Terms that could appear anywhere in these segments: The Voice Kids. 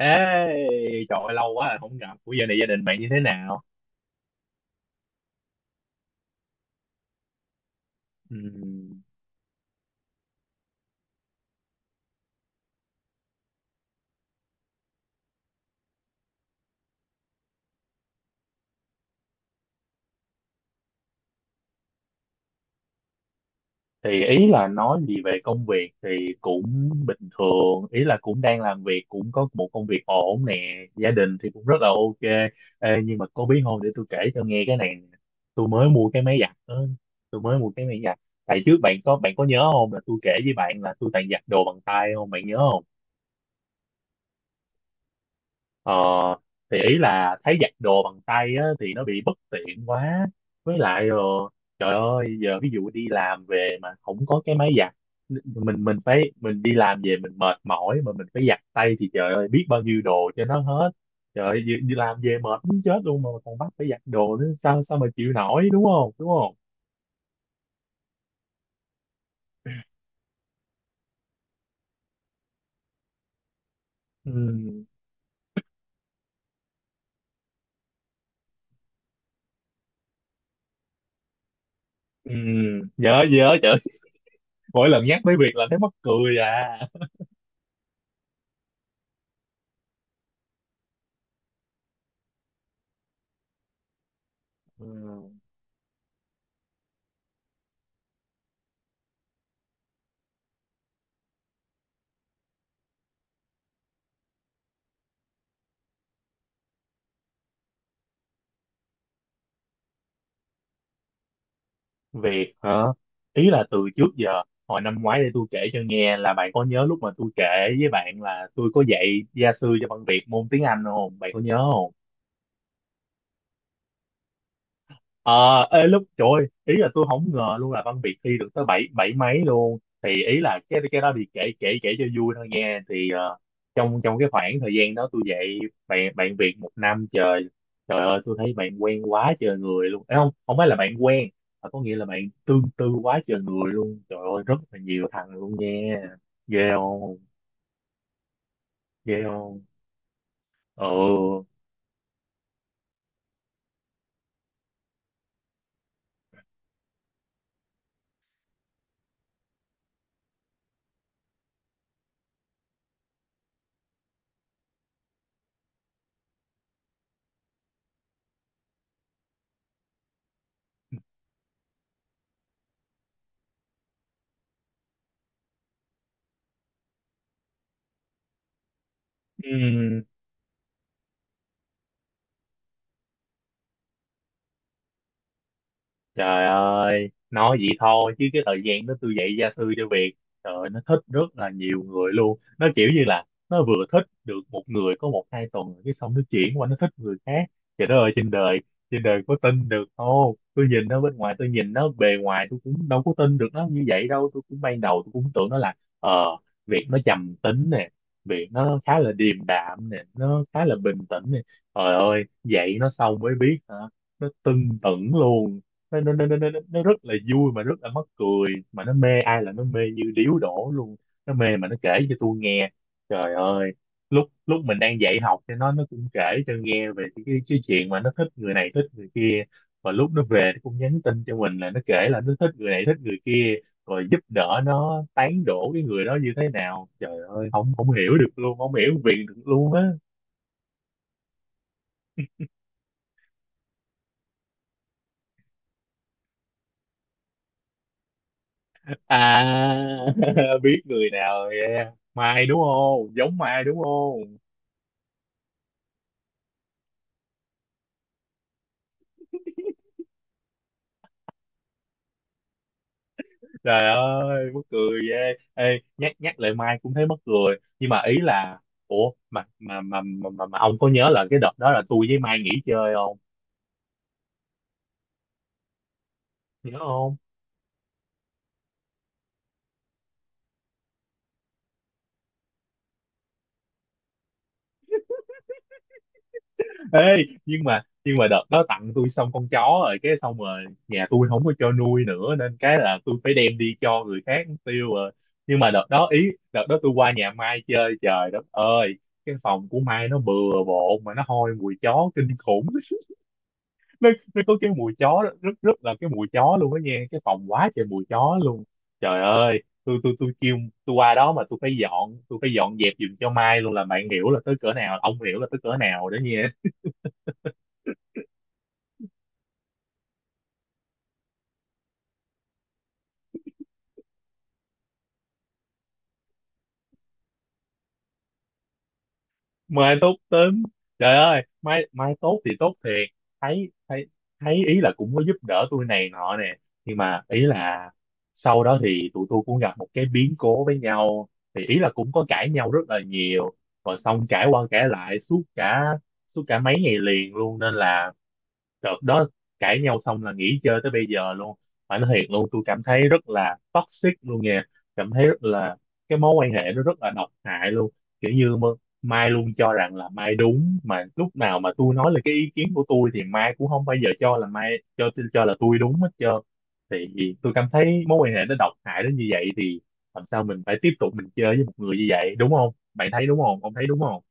Ê, trời ơi, lâu quá rồi không gặp. Ủa giờ này gia đình bạn như thế nào? Ừm, Thì ý là nói gì về công việc thì cũng bình thường. Ý là cũng đang làm việc, cũng có một công việc ổn nè. Gia đình thì cũng rất là ok. Ê, nhưng mà có biết không, để tôi kể cho nghe cái này nè. Tôi mới mua cái máy giặt đó. Tôi mới mua cái máy giặt. Tại trước bạn có nhớ không, là tôi kể với bạn là tôi toàn giặt đồ bằng tay không? Bạn nhớ không? Ờ, thì ý là thấy giặt đồ bằng tay á, thì nó bị bất tiện quá, với lại rồi trời ơi, giờ ví dụ đi làm về mà không có cái máy giặt, mình đi làm về mình mệt mỏi mà mình phải giặt tay thì trời ơi, biết bao nhiêu đồ cho nó hết. Trời ơi, đi làm về mệt muốn chết luôn mà còn bắt phải giặt đồ nữa, sao sao mà chịu nổi, đúng không đúng không? Ừ, ừ, nhớ nhớ, trời ơi, mỗi lần nhắc tới việc là thấy mắc cười à. Ừ. Việc hả? Ý là từ trước giờ, hồi năm ngoái, để tôi kể cho nghe là bạn có nhớ lúc mà tôi kể với bạn là tôi có dạy gia sư cho bằng Việt môn tiếng Anh không? Bạn có nhớ không? Ờ, ê, lúc trời ơi, ý là tôi không ngờ luôn là Văn Việt thi được tới bảy bảy mấy luôn, thì ý là cái đó thì kể kể kể cho vui thôi nha, thì trong trong cái khoảng thời gian đó tôi dạy bạn bạn Việt 1 năm trời, trời ơi tôi thấy bạn quen quá trời người luôn. Ê, không không phải là bạn quen mà có nghĩa là bạn tương tư quá trời người luôn, trời ơi, rất là nhiều thằng luôn nha. Ghê không? Ghê không? Ừ. Trời ơi, nói vậy thôi chứ cái thời gian đó tôi dạy gia sư cho Việt, trời ơi, nó thích rất là nhiều người luôn. Nó kiểu như là nó vừa thích được một người có 1 2 tuần rồi cái xong nó chuyển qua nó thích người khác. Trời đất ơi, trên đời có tin được không? Tôi nhìn nó bên ngoài, tôi nhìn nó bề ngoài, tôi cũng đâu có tin được nó như vậy đâu. Tôi cũng ban đầu tôi cũng tưởng nó là ờ Việt nó trầm tính nè, Việt nó khá là điềm đạm nè, nó khá là bình tĩnh nè. Trời ơi, dạy nó xong mới biết hả? Nó tưng tửng luôn, nó rất là vui mà rất là mắc cười, mà nó mê ai là nó mê như điếu đổ luôn. Nó mê mà nó kể cho tôi nghe, trời ơi, lúc lúc mình đang dạy học cho nó cũng kể cho nghe về cái chuyện mà nó thích người này thích người kia, và lúc nó về nó cũng nhắn tin cho mình, là nó kể là nó thích người này thích người kia rồi giúp đỡ nó tán đổ cái người đó như thế nào. Trời ơi, không không hiểu được luôn, không hiểu việc được luôn á. À, biết người nào rồi, yeah. Mai đúng không? Giống Mai đúng không? Trời ơi, mắc cười ghê. Ê, nhắc nhắc lại Mai cũng thấy mắc cười. Nhưng mà ý là, ủa mà, ông có nhớ là cái đợt đó là tôi với Mai nghỉ chơi không? Nhớ không? Ê, nhưng mà đợt đó tặng tôi xong con chó rồi cái xong rồi nhà tôi không có cho nuôi nữa, nên cái là tôi phải đem đi cho người khác tiêu rồi. Nhưng mà đợt đó, ý đợt đó tôi qua nhà Mai chơi, trời đất ơi, cái phòng của Mai nó bừa bộn mà nó hôi mùi chó kinh khủng. Nó có cái mùi chó đó, rất rất là cái mùi chó luôn đó nha, cái phòng quá trời mùi chó luôn. Trời ơi, tôi kêu, tôi qua đó mà tôi phải dọn, tôi phải dọn dẹp giùm cho Mai luôn, là bạn hiểu là tới cỡ nào, ông hiểu là tới cỡ nào đó nha. Mai tốt tính. Trời ơi, mai mai tốt thì tốt thiệt, thấy thấy thấy ý là cũng có giúp đỡ tôi này nọ nè, nhưng mà ý là sau đó thì tụi tôi cũng gặp một cái biến cố với nhau, thì ý là cũng có cãi nhau rất là nhiều, và xong cãi qua cãi lại suốt cả mấy ngày liền luôn, nên là đợt đó cãi nhau xong là nghỉ chơi tới bây giờ luôn. Phải nói thiệt luôn, tôi cảm thấy rất là toxic luôn nha, cảm thấy rất là cái mối quan hệ nó rất là độc hại luôn, kiểu như mà- Mai luôn cho rằng là Mai đúng, mà lúc nào mà tôi nói là cái ý kiến của tôi thì Mai cũng không bao giờ cho là Mai cho là tôi đúng hết trơn. Thì tôi cảm thấy mối quan hệ nó độc hại đến như vậy thì làm sao mình phải tiếp tục mình chơi với một người như vậy, đúng không, bạn thấy đúng không, ông thấy đúng không?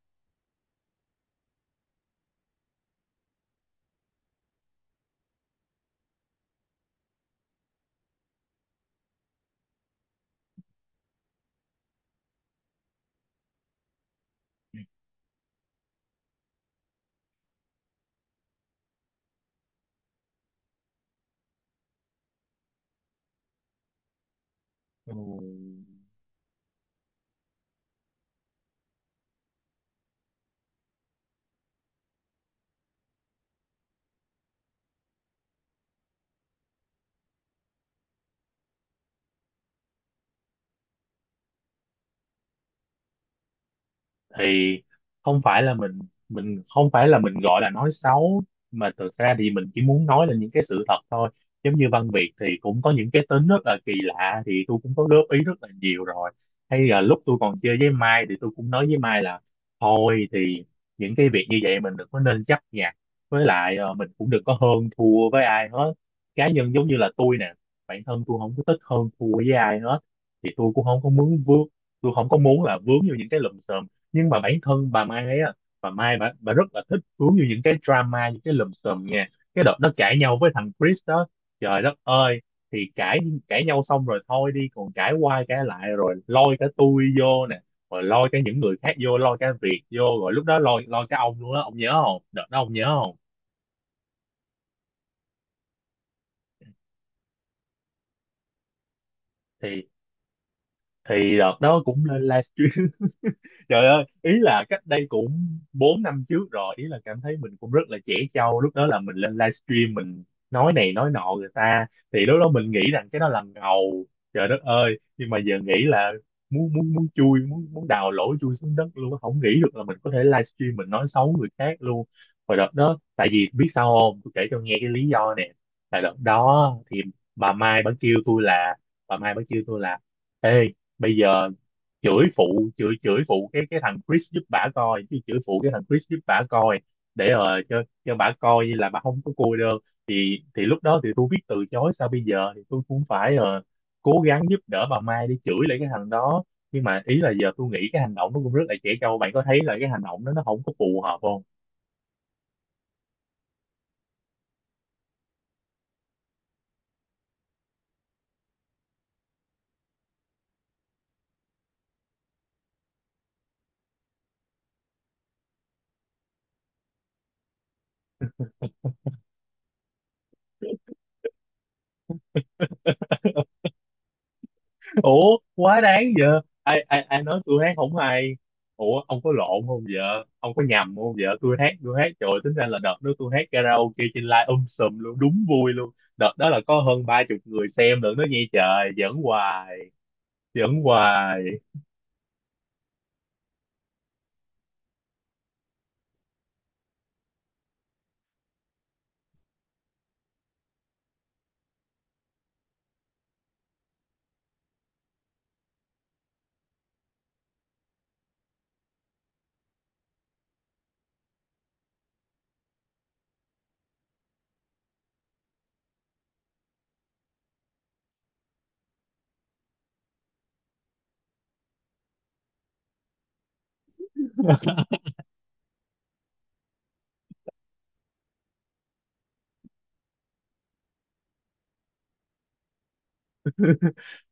Ừ. Thì không phải là mình không phải là mình gọi là nói xấu, mà thực ra thì mình chỉ muốn nói là những cái sự thật thôi. Giống như Văn Việt thì cũng có những cái tính rất là kỳ lạ thì tôi cũng có góp ý rất là nhiều rồi, hay là lúc tôi còn chơi với Mai thì tôi cũng nói với Mai là thôi thì những cái việc như vậy mình đừng có nên chấp nhặt, với lại mình cũng đừng có hơn thua với ai hết. Cá nhân giống như là tôi nè, bản thân tôi không có thích hơn thua với ai hết, thì tôi cũng không có muốn vướng, tôi không có muốn là vướng vô những cái lùm xùm. Nhưng mà bản thân bà Mai ấy á, bà Mai bà rất là thích cuốn vô những cái drama, những cái lùm xùm nha. Cái đợt nó cãi nhau với thằng Chris đó, trời đất ơi, thì cãi cãi nhau xong rồi thôi đi, còn cãi qua cãi lại rồi lôi cả tôi vô nè, rồi lôi cả những người khác vô, lôi cả Việt vô, rồi lúc đó lôi lôi cả ông luôn á, ông nhớ không, đợt đó ông nhớ không? Thì thì đợt đó cũng lên livestream trời ơi, ý là cách đây cũng 4 năm trước rồi, ý là cảm thấy mình cũng rất là trẻ trâu, lúc đó là mình lên livestream mình nói này nói nọ người ta, thì lúc đó mình nghĩ rằng cái đó là ngầu. Trời đất ơi, nhưng mà giờ nghĩ là muốn muốn muốn chui muốn muốn đào lỗ chui xuống đất luôn á. Không nghĩ được là mình có thể livestream mình nói xấu người khác luôn. Và đợt đó tại vì biết sao không, tôi kể cho nghe cái lý do nè. Tại đợt đó thì bà Mai bà kêu tôi là, bà Mai bà kêu tôi là, ê, bây giờ chửi phụ, chửi chửi phụ cái thằng Chris giúp bả coi, chứ chửi phụ cái thằng Chris giúp bả coi, để cho bả coi như là bà không có cô đơn. Thì lúc đó thì tôi biết từ chối sao bây giờ, thì tôi cũng phải cố gắng giúp đỡ bà Mai để chửi lại cái thằng đó. Nhưng mà ý là giờ tôi nghĩ cái hành động nó cũng rất là trẻ trâu, bạn có thấy là cái hành động đó nó không có phù hợp không? Ủa quá đáng vợ, ai ai ai nói tôi hát không hay? Ủa ông có lộn không vợ, ông có nhầm không vợ, tôi hát, tôi hát trời, tính ra là đợt đó tôi hát karaoke trên live sùm luôn, đúng vui luôn. Đợt đó là có hơn 30 người xem nữa, nó nghe, trời, giỡn hoài, giỡn hoài.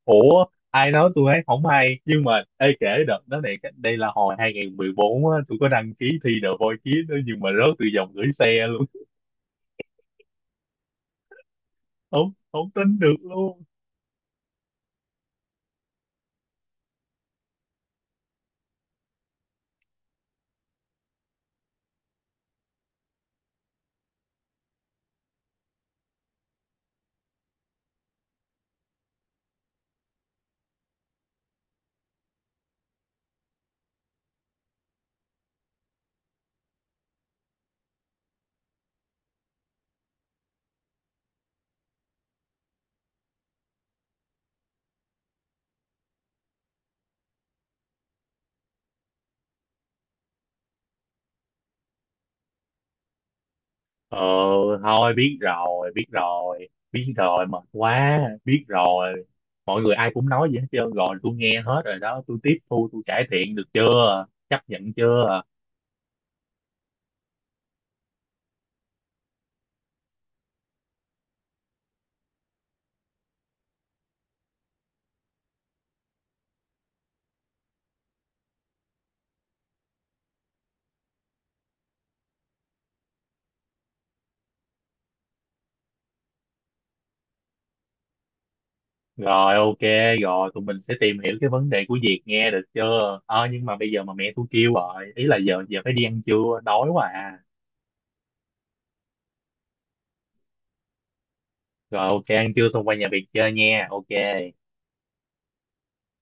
Ủa ai nói tôi hát không hay? Nhưng mà ê, kể đợt đó này, đây là hồi 2014 á, tôi có đăng ký thi The Voice Kids đó, nhưng mà rớt từ vòng gửi xe luôn. Không không tin được luôn. Ờ thôi biết rồi, biết rồi, biết rồi, mệt quá, biết rồi. Mọi người ai cũng nói vậy hết trơn rồi, tôi nghe hết rồi đó, tôi tiếp thu, tôi cải thiện được chưa? Chấp nhận chưa? Rồi ok, rồi tụi mình sẽ tìm hiểu cái vấn đề của Việt nghe được chưa? Ờ nhưng mà bây giờ mà mẹ tôi kêu rồi, ý là giờ giờ phải đi ăn trưa, đói quá à. Rồi ok, ăn trưa xong qua nhà Việt chơi nha, ok.